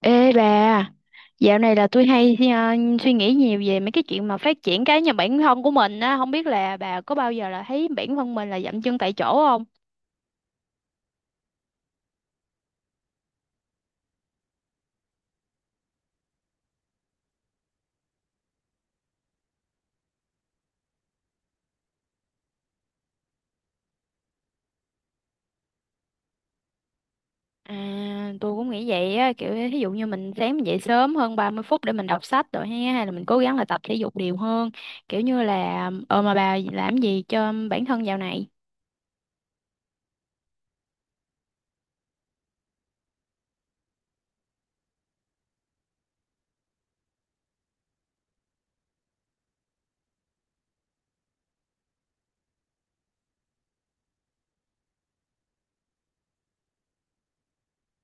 Ê bà, dạo này là tôi hay suy nghĩ nhiều về mấy cái chuyện mà phát triển cá nhân bản thân của mình á, không biết là bà có bao giờ là thấy bản thân mình là dậm chân tại chỗ không? À, tôi cũng nghĩ vậy á, kiểu ví dụ như mình sáng mình dậy sớm hơn 30 phút để mình đọc sách rồi ha, hay là mình cố gắng là tập thể dục đều hơn, kiểu như là ờ mà bà làm gì cho bản thân dạo này?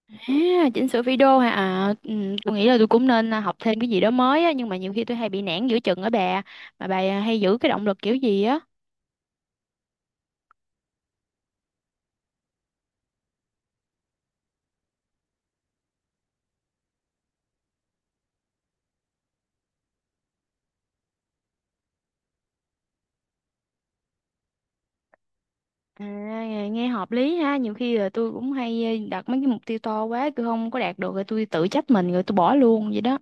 À, chỉnh sửa video hả? À, ừ, tôi nghĩ là tôi cũng nên học thêm cái gì đó mới á, nhưng mà nhiều khi tôi hay bị nản giữa chừng á bà, mà bà hay giữ cái động lực kiểu gì á? À, nghe hợp lý ha, nhiều khi là tôi cũng hay đặt mấy cái mục tiêu to quá tôi không có đạt được rồi tôi tự trách mình rồi tôi bỏ luôn vậy đó.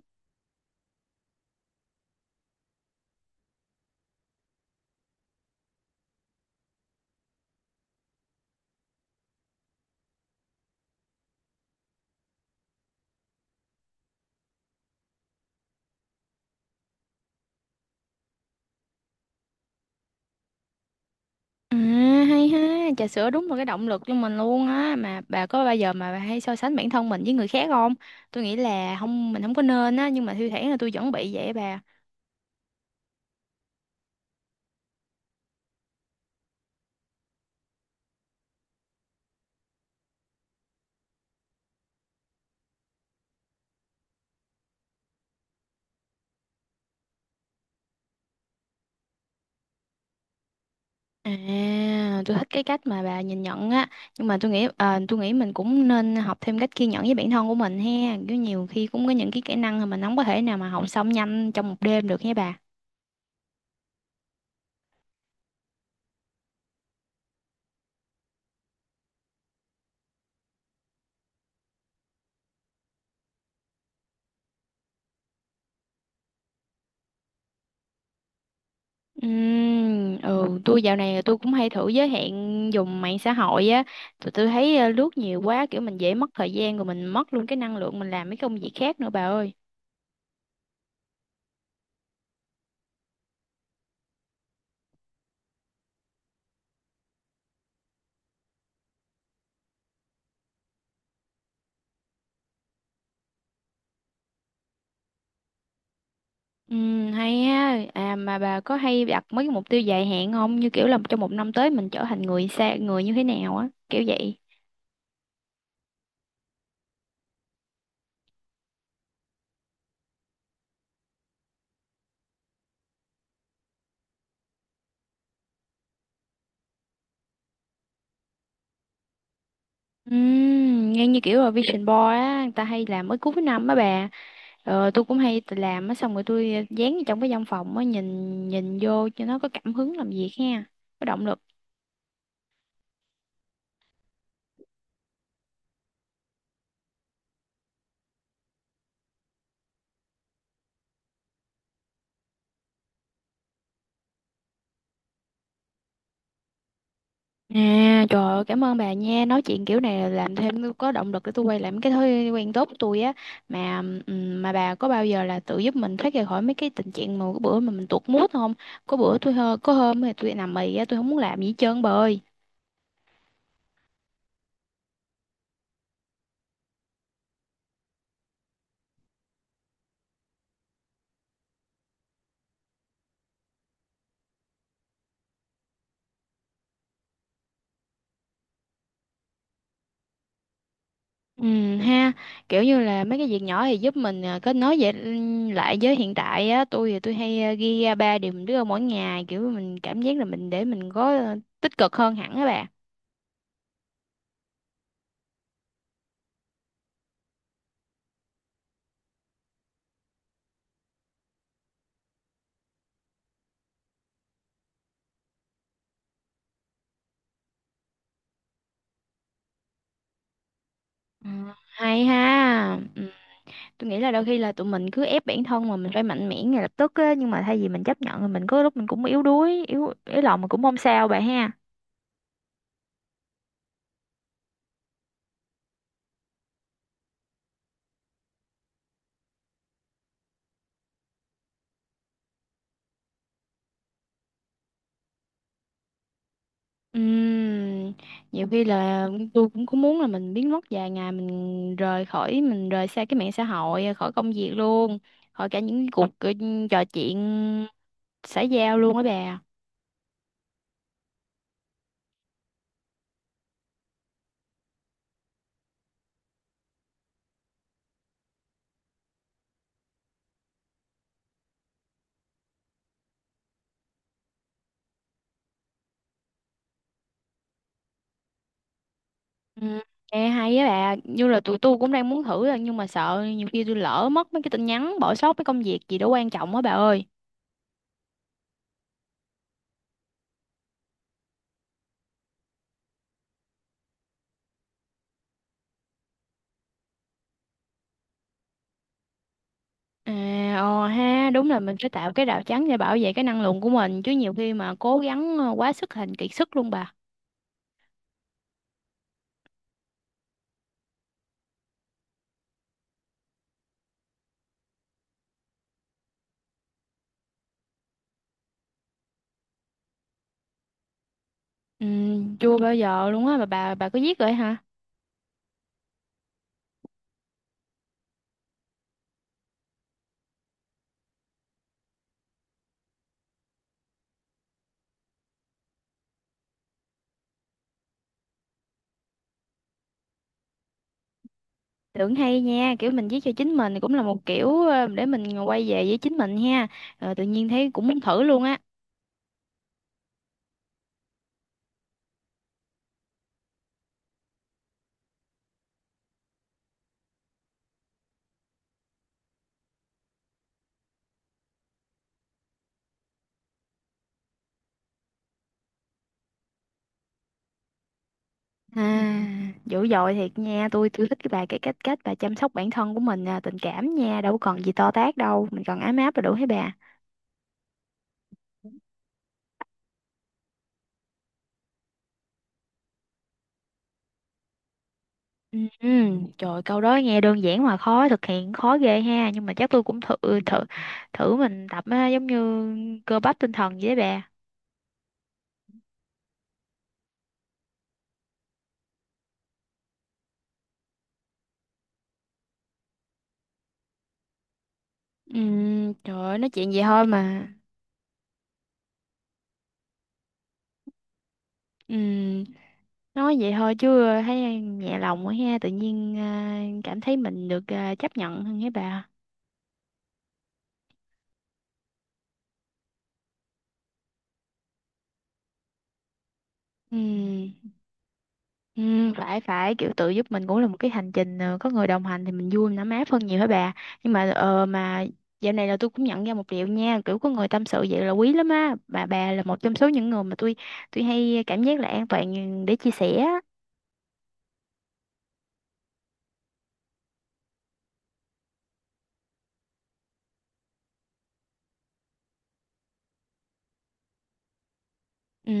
À, hay ha, trà sữa đúng là cái động lực cho mình luôn á. Mà bà có bao giờ mà bà hay so sánh bản thân mình với người khác không? Tôi nghĩ là không, mình không có nên á, nhưng mà thi thoảng là tôi vẫn bị vậy á bà. À, tôi thích cái cách mà bà nhìn nhận á, nhưng mà tôi nghĩ tôi nghĩ mình cũng nên học thêm cách kiên nhẫn với bản thân của mình ha, kiểu nhiều khi cũng có những cái kỹ năng mà mình không có thể nào mà học xong nhanh trong một đêm được nha bà. Ừ, tôi dạo này tôi cũng hay thử giới hạn dùng mạng xã hội á. Tụi tôi thấy lướt nhiều quá kiểu mình dễ mất thời gian rồi mình mất luôn cái năng lượng mình làm mấy công việc khác nữa bà ơi. Hay á. À mà bà có hay đặt mấy cái mục tiêu dài hạn không? Như kiểu là trong một năm tới mình trở thành người xa người như thế nào á, kiểu vậy. Nghe như kiểu là Vision Board á, người ta hay làm mới cuối năm á bà. Ờ, tôi cũng hay tự làm á, xong rồi tôi dán vào trong cái văn phòng á, nhìn nhìn vô cho nó có cảm hứng làm việc ha, có động lực. À, trời ơi, cảm ơn bà nha. Nói chuyện kiểu này làm thêm có động lực để tôi quay lại mấy cái thói quen tốt của tôi á. Mà bà có bao giờ là tự giúp mình thoát ra khỏi mấy cái tình trạng mà cái bữa mà mình tuột mood không? Có bữa tôi hơ, có hôm thì tôi nằm mì á, tôi không muốn làm gì hết trơn bà ơi. Ha, kiểu như là mấy cái việc nhỏ thì giúp mình kết nối về lại với hiện tại á. Tôi thì tôi hay ghi ra ba điều mình đưa mỗi ngày, kiểu mình cảm giác là mình để mình có tích cực hơn hẳn á bà. Ừ, hay ha. Ừ. Tôi nghĩ là đôi khi là tụi mình cứ ép bản thân mà mình phải mạnh mẽ ngay lập tức á, nhưng mà thay vì mình chấp nhận thì mình có lúc mình cũng yếu đuối, yếu yếu lòng mà cũng không sao bà ha. Ừm, nhiều khi là tôi cũng có muốn là mình biến mất vài ngày, mình rời xa cái mạng xã hội, khỏi công việc luôn, khỏi cả những cuộc trò chuyện xã giao luôn á bà. Ừm, nghe hay á bà, như là tụi tôi cũng đang muốn thử á, nhưng mà sợ nhiều khi tôi lỡ mất mấy cái tin nhắn, bỏ sót mấy công việc gì đó quan trọng á bà ơi. À, ờ ha, đúng là mình phải tạo cái rào chắn để bảo vệ cái năng lượng của mình chứ, nhiều khi mà cố gắng quá sức thành kiệt sức luôn bà. Ừ, chưa bao giờ luôn á, mà bà có viết rồi hả? Tưởng hay nha, kiểu mình viết cho chính mình cũng là một kiểu để mình quay về với chính mình ha. Ờ, tự nhiên thấy cũng muốn thử luôn á. À, dữ dội thiệt nha, tôi thích cái bà cái cách cách bà chăm sóc bản thân của mình à, tình cảm nha, đâu còn gì to tát đâu, mình còn ấm áp là đủ hết bà. Ừ, trời ơi, câu đó nghe đơn giản mà khó thực hiện, khó ghê ha, nhưng mà chắc tôi cũng thử thử thử mình tập á, giống như cơ bắp tinh thần vậy đấy bà. Trời ơi, nói chuyện vậy thôi mà. Ừm, nói vậy thôi chứ thấy nhẹ lòng quá ha, tự nhiên cảm thấy mình được chấp nhận hơn hả bà. Ừm. Ừ, phải phải kiểu tự giúp mình cũng là một cái hành trình có người đồng hành thì mình vui, mình ấm áp hơn nhiều hả bà, nhưng mà mà dạo này là tôi cũng nhận ra một điều nha, kiểu có người tâm sự vậy là quý lắm á bà là một trong số những người mà tôi hay cảm giác là an toàn để chia sẻ á. Ừ,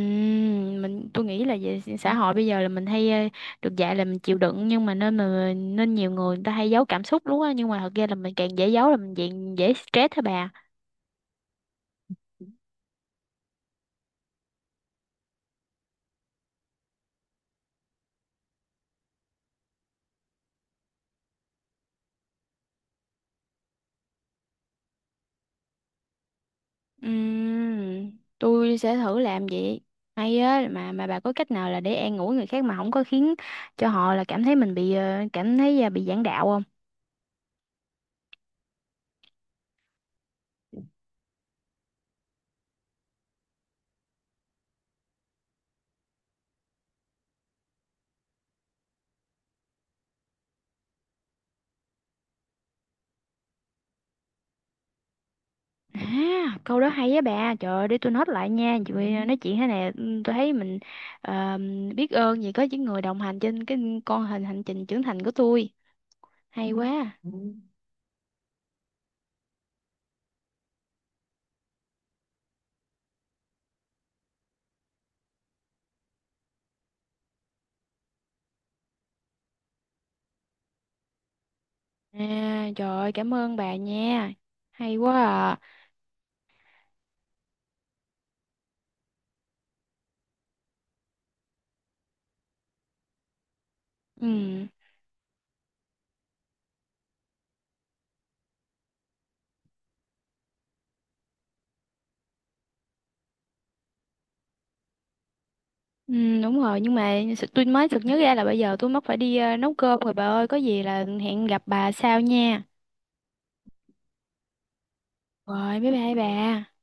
tôi nghĩ là về xã hội bây giờ là mình hay được dạy là mình chịu đựng, nhưng mà nên nhiều người người ta hay giấu cảm xúc đúng á, nhưng mà thật ra là mình càng dễ giấu là mình càng dễ stress hả bà. Ừm, tôi sẽ thử làm vậy. Hay á, mà bà có cách nào là để an ủi người khác mà không có khiến cho họ là cảm thấy mình bị bị giảng đạo không? À, câu đó hay á bà. Trời ơi, để tôi note lại nha. Chị Huy nói chuyện thế này ừ, tôi thấy mình ờ, biết ơn vì có những người đồng hành trên cái con hình hành trình trưởng thành của tôi. Hay quá. À, trời ơi, cảm ơn bà nha. Hay quá à. Ừ. Ừ, đúng rồi, nhưng mà sự- tôi mới sực nhớ ra là bây giờ tôi mất phải đi nấu cơm rồi bà ơi, có gì là hẹn gặp bà sau nha, rồi bye bye bà.